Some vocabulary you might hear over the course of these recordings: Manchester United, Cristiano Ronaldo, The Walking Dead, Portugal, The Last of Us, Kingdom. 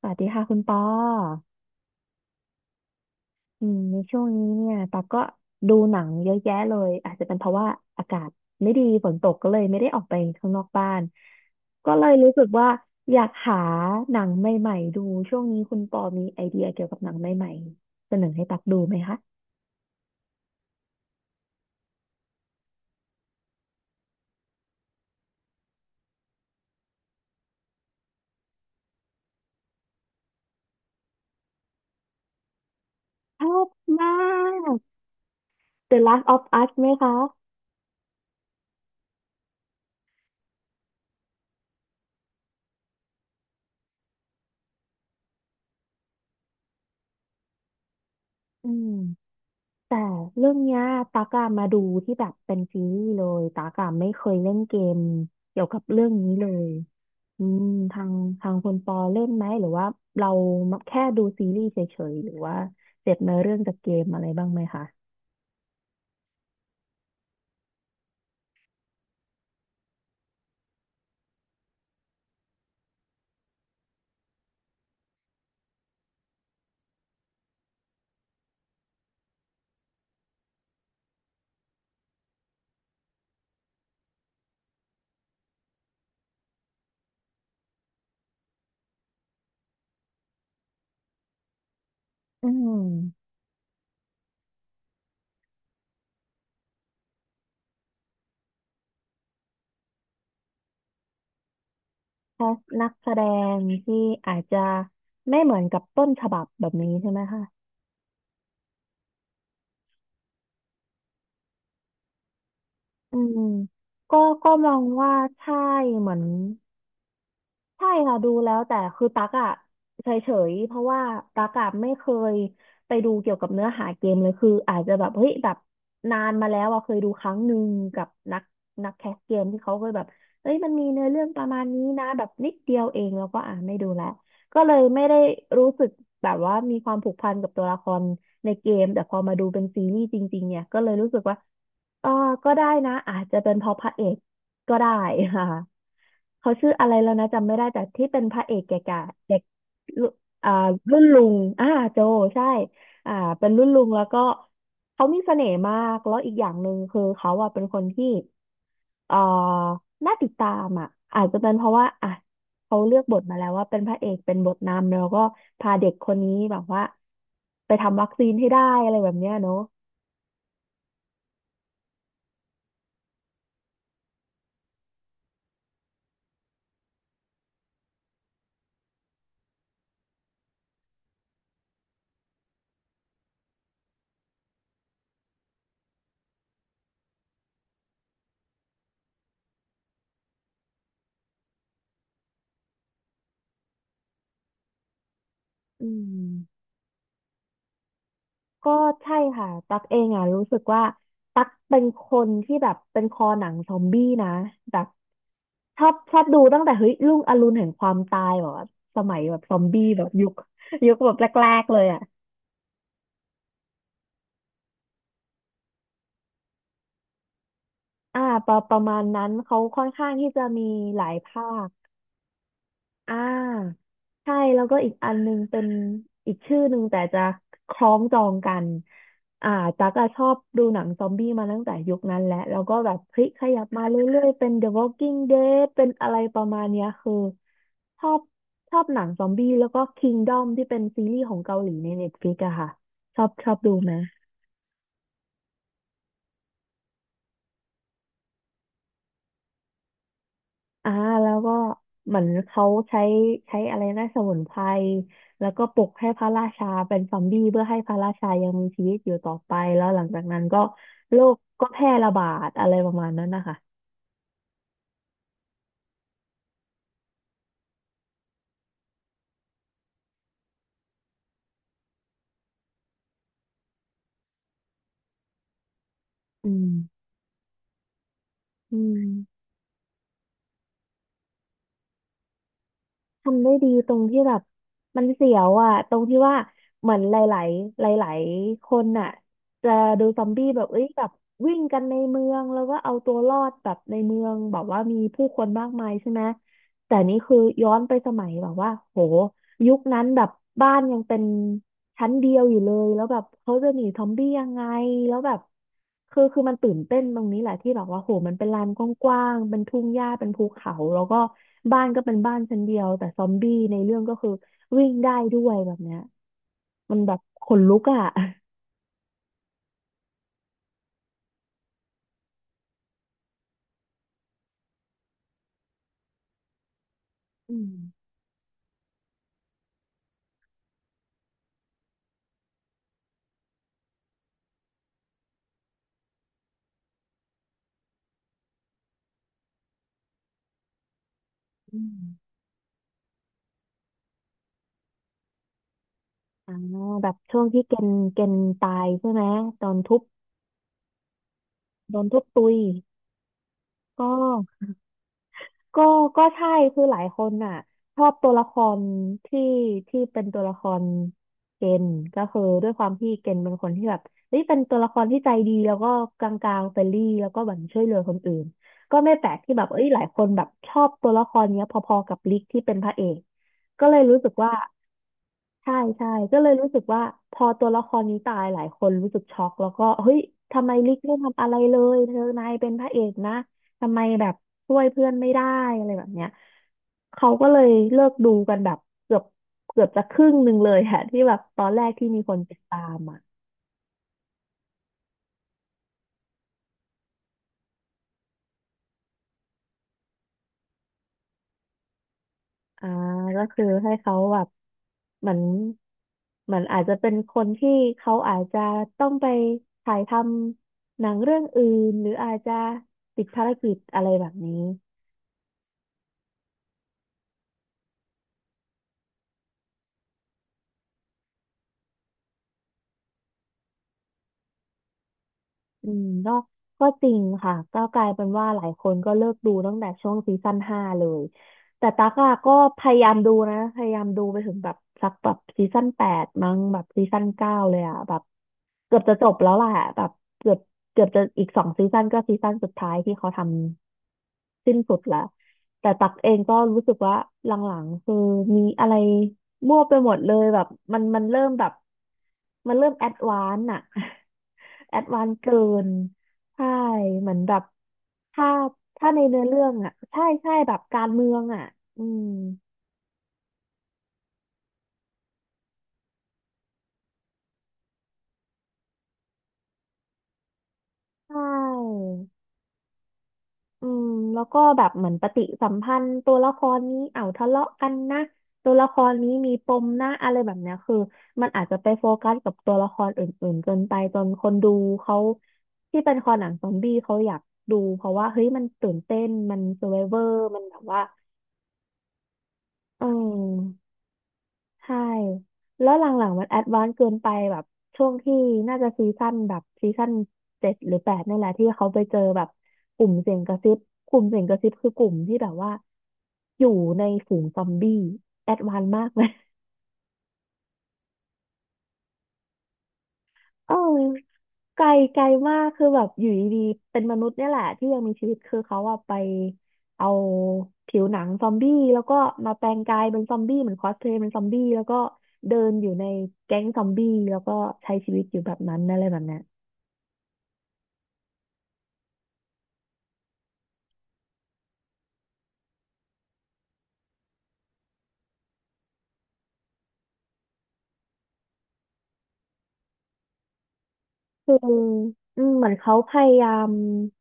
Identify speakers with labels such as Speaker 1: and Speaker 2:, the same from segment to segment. Speaker 1: สวัสดีค่ะคุณปอในช่วงนี้เนี่ยตอกก็ดูหนังเยอะแยะเลยอาจจะเป็นเพราะว่าอากาศไม่ดีฝนตกก็เลยไม่ได้ออกไปข้างนอกบ้านก็เลยรู้สึกว่าอยากหาหนังใหม่ๆดูช่วงนี้คุณปอมีไอเดียเกี่ยวกับหนังใหม่ๆเสนอให้ตักดูไหมคะชอบมาก The Last of Us ไหมคะอืม แต่เรื่องเนี้ยตากอะมาดูที่แบบเป็นซีรีส์เลยตากอะไม่เคยเล่นเกมเกี่ยวกับเรื่องนี้เลยอืมทางทางคนปอเล่นไหมหรือว่าเราแค่ดูซีรีส์เฉยๆหรือว่าเสพเนื้อเรื่องจากเกมอะไรบ้างไหมคะอืมถ้านักแสดงที่อาจจะไม่เหมือนกับต้นฉบับแบบนี้ใช่ไหมคะอืมก็ก็มองว่าใช่เหมือน ใช่ค่ะดูแล้วแต่คือตั๊กอะเฉยๆเพราะว่าตั๊กอะไม่เคยไปดูเกี่ยวกับเนื้อหาเกมเลยคืออาจจะแบบเฮ้ยแบบนานมาแล้วอะเคยดูครั้งหนึ่งกับนักแคสเกมที่เขาเคยแบบเอ้ยมันมีเนื้อเรื่องประมาณนี้นะแบบนิดเดียวเองแล้วก็ไม่ดูแล้วก็เลยไม่ได้รู้สึกแบบว่ามีความผูกพันกับตัวละครในเกมแต่พอมาดูเป็นซีรีส์จริงๆเนี่ยก็เลยรู้สึกว่าเออก็ได้นะอาจจะเป็นเพราะพระเอก ก็ได้ค่ะเขาชื่ออะไรแล้วนะจำไม่ได้แต่ที่เป็นพระเอกแก่ๆเด็กรุ่นอ่ารุ่นลุงโจใช่อ่าเป็นรุ่นลุงแล้วก็เขามีเสน่ห์มากแล้วอีกอย่างหนึ่งคือเขาอ่ะเป็นคนที่เอ่อน่าติดตามอ่ะอาจจะเป็นเพราะว่าอ่ะเขาเลือกบทมาแล้วว่าเป็นพระเอกเป็นบทนำแล้วก็พาเด็กคนนี้แบบว่าไปทำวัคซีนให้ได้อะไรแบบเนี้ยเนอะอืม ก็ใช่ค่ะตักเองอ่ะรู้สึกว่าตักเป็นคนที่แบบเป็นคอหนังซอมบี้นะแบบชอบชอบดูตั้งแต่เฮ้ยรุ่งอรุณแห่งความตายแบบว่าสมัยแบบซอมบี้แบบยุคแบบแรกๆเลยอ่ะอ่าประมาณนั้นเขาค่อนข้างที่จะมีหลายภาค อ่าใช่แล้วก็อีกอันนึงเป็นอีกชื่อหนึ่งแต่จะคล้องจองกันอ่าตั๊กอะชอบดูหนังซอมบี้มาตั้งแต่ยุคนั้นแหละแล้วก็แบบพลิกขยับมาเรื่อยๆเป็น The Walking Dead เป็นอะไรประมาณเนี้ยคือชอบชอบหนังซอมบี้แล้วก็ Kingdom ที่เป็นซีรีส์ของเกาหลีใน Netflix อะค่ะชอบดูไหม อ่าแล้วก็เหมือนเขาใช้อะไรนะสมุนไพรแล้วก็ปลุกให้พระราชาเป็นซอมบี้เพื่อให้พระราชายังมีชีวิตอยู่ต่อไปแล้วหลังจากนั้นก็โรคก็แพร่ระบาดอะไรประมาณนั้นนะคะอืมอืม ทำได้ดีตรงที่แบบมันเสียวอ่ะตรงที่ว่าเหมือนหลายๆหลายๆคนน่ะจะดูซอมบี้แบบเอ้ยแบบวิ่งกันในเมืองแล้วก็เอาตัวรอดแบบในเมืองแบบว่ามีผู้คนมากมายใช่ไหมแต่นี่คือย้อนไปสมัยแบบว่าโห ยุคนั้นแบบบ้านยังเป็นชั้นเดียวอยู่เลยแล้วแบบเขาจะหนีซอมบี้ยังไงแล้วแบบคือมันตื่นเต้นตรงนี้แหละที่แบบว่าโหมันเป็นลานกว้างๆเป็นทุ่งหญ้าเป็นภูเขาแล้วก็บ้านก็เป็นบ้านชั้นเดียวแต่ซอมบี้ในเรื่องก็คือวิ่งได้ด้วยแบบเนี้ยมันแบบขนลุกอ่ะอืมอืมอ่าแบบช่วงที่เกณฑ์ตายใช่ไหมตอนทุบโดนทุบตุยก็ ก็ก็ใช่คือหลายคนน่ะชอบตัวละครที่ที่เป็นตัวละครเกณฑ์ก็คือด้วยความที่เกณฑ์เป็นคนที่แบบเฮ้ยเป็นตัวละครที่ใจดีแล้วก็กลางๆเฟรนลี่แล้วก็แบบช่วยเหลือคนอื่นก็ไม่แปลกที่แบบเอ้ยหลายคนแบบชอบตัวละครเนี้ยพอๆกับลิกที่เป็นพระเอกก็เลยรู้สึกว่า ใช่ใช่ก็เลยรู้สึกว่าพอตัวละครนี้ตายหลายคนรู้สึกช็อกแล้วก็เฮ้ยทำไมลิกไม่ทำอะไรเลยเธอนายเป็นพระเอกนะทำไมแบบช่วยเพื่อนไม่ได้อะไรแบบเนี้ยเขาก็เลยเลิกดูกันแบบเกือบเกือบจะครึ่งหนึ่งเลยอะที่แบบตอนแรกที่มีคนติดตามอ่ะอ่าก็คือให้เขาแบบเหมือนเหมือนอาจจะเป็นคนที่เขาอาจจะต้องไปถ่ายทำหนังเรื่องอื่นหรืออาจจะติดภารกิจอะไรแบบนี้ อืมก็จริงค่ะก็กลายเป็นว่าหลายคนก็เลิกดูตั้งแต่ช่วงซีซั่น5เลยแต่ตั๊กอะก็พยายามดูนะพยายามดูไปถึงแบบสักแบบซีซั่นแปดมั้งแบบซีซั่น9เลยอะแบบเกือบจะจบแล้วแหละแบบเกือบเกือบจะอีกสองซีซั่นก็ซีซั่นสุดท้ายที่เขาทำสิ้นสุดละแต่ตั๊กเองก็รู้สึกว่าหลังๆคือมีอะไร มั่วไปหมดเลยแบบมันเริ่มแบบมันเริ่มแอดวานซ์อะ แอดวานซ์เกินใช่เหมือนแบบถ้าถ้าในเนื้อเรื่องอะใช่ใช่แบบการเมืองอะอืมใช่ อืมแล้วก็แบบเหมือนปฏิสัมพันธ์ตัวละครนี้เอ้าทะเลาะกันนะตัวละครนี้มีปมนะอะไรแบบเนี้ยคือมันอาจจะไปโฟกัสกับตัวละครอื่นๆจนไปจนคนดูเขาที่เป็นคอหนังซอมบี้เขาอยากดูเพราะว่าเฮ้ยมันตื่นเต้นมัน s ซ r v i v เวอร์มันแบบว่าเออ ใช่ แล้วหลังๆมันแอดวานซ์เกินไปแบบช่วงที่น่าจะซีซั่นแบบซีซั่น7หรือแปดนี่แหละที่เขาไปเจอแบบกลุ่มเสียงกระซิบ กลุ่มเสียงกระซิบคือกลุ่มที่แบบว่าอยู่ในฝูงซอมบี้แอดวานซ์มากไหม เออไกลไกลมากคือแบบอยู่ดีๆเป็นมนุษย์เนี่ยแหละที่ยังมีชีวิตคือเขาอะไปเอาผิวหนังซอมบี้แล้วก็มาแปลงกายเป็นซอมบี้เหมือนคอสเพลย์เป็นซอมบี้แล้วก็เดินอยู่ในแก๊งซอมบี้แล้วก็ใช้ชีวิตอยู่แบบนั้นอะไรแบบเนี้ย คืออืมเหมือนเขาพยายาม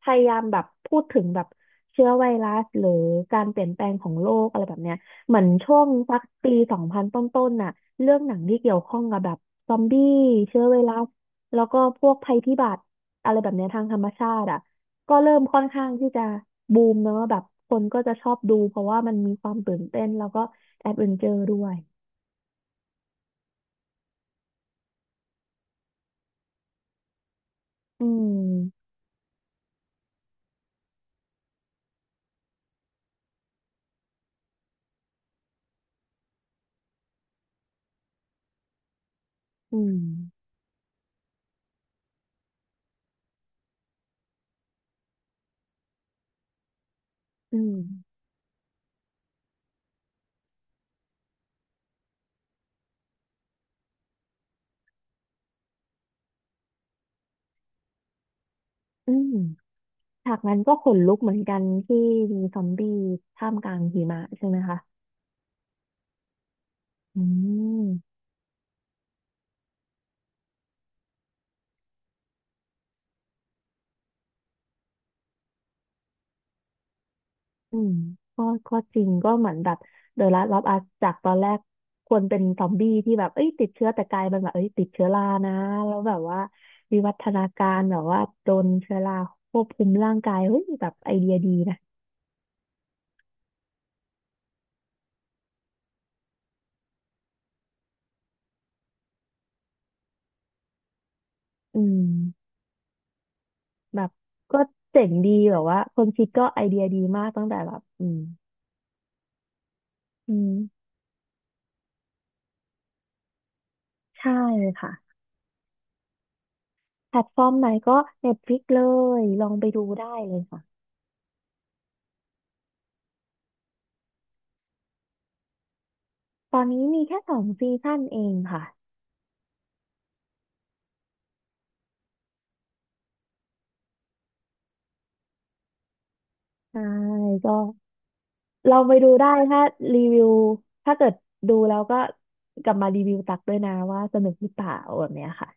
Speaker 1: พยายามแบบพูดถึงแบบเชื้อไวรัสหรือการเปลี่ยนแปลงของโลกอะไรแบบเนี้ยเหมือนช่วงสักปี2000ต้นๆน่ะเรื่องหนังที่เกี่ยวข้องกับแบบซอมบี้เชื้อไวรัสแล้วก็พวกภัยพิบัติอะไรแบบเนี้ยทางธรรมชาติอ่ะก็เริ่มค่อนข้างที่จะบูมเนอะแบบคนก็จะชอบดูเพราะว่ามันมีความตื่นเต้นแล้วก็แอดเวนเจอร์ด้วยอืมอืมอืมอืม ฉากนั้นก็ขนลุกเหมือนกันที่มีซอมบี้ท่ามกลางหิมะใช่ไหมคะอืมอืมก็ก็จริงก็เหมือนแบบเดอะลาสต์ออฟอัสจากตอนแรกควรเป็นซอมบี้ที่แบบเอ้ยติดเชื้อแต่กลายเป็นแบบเอ้ยติดเชื้อรานะแล้วแบบว่าวิวัฒนาการแบบว่าโดนเชื้อราควบคุมร่างกายเฮ้ยแบบไอเดียดีนะอืมแบบก็เจ๋งดีแบบว่าคนคิดก็ไอเดียดีมากตั้งแต่แบบอืมอืมใช่ค่ะ แพลตฟอร์มไหนก็ Netflix เลยลองไปดูได้เลยค่ะตอนนี้มีแค่สองซีซั่นเองค่ะใช่ก็ลองไปดูได้ถ้ารีวิวถ้าเกิดดูแล้วก็กลับมารีวิวตักด้วยนะว่าสนุกหรือเปล่าแบบเนี้ยค่ะ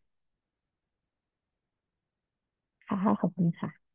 Speaker 1: ค่ะขอบคุณค่ะ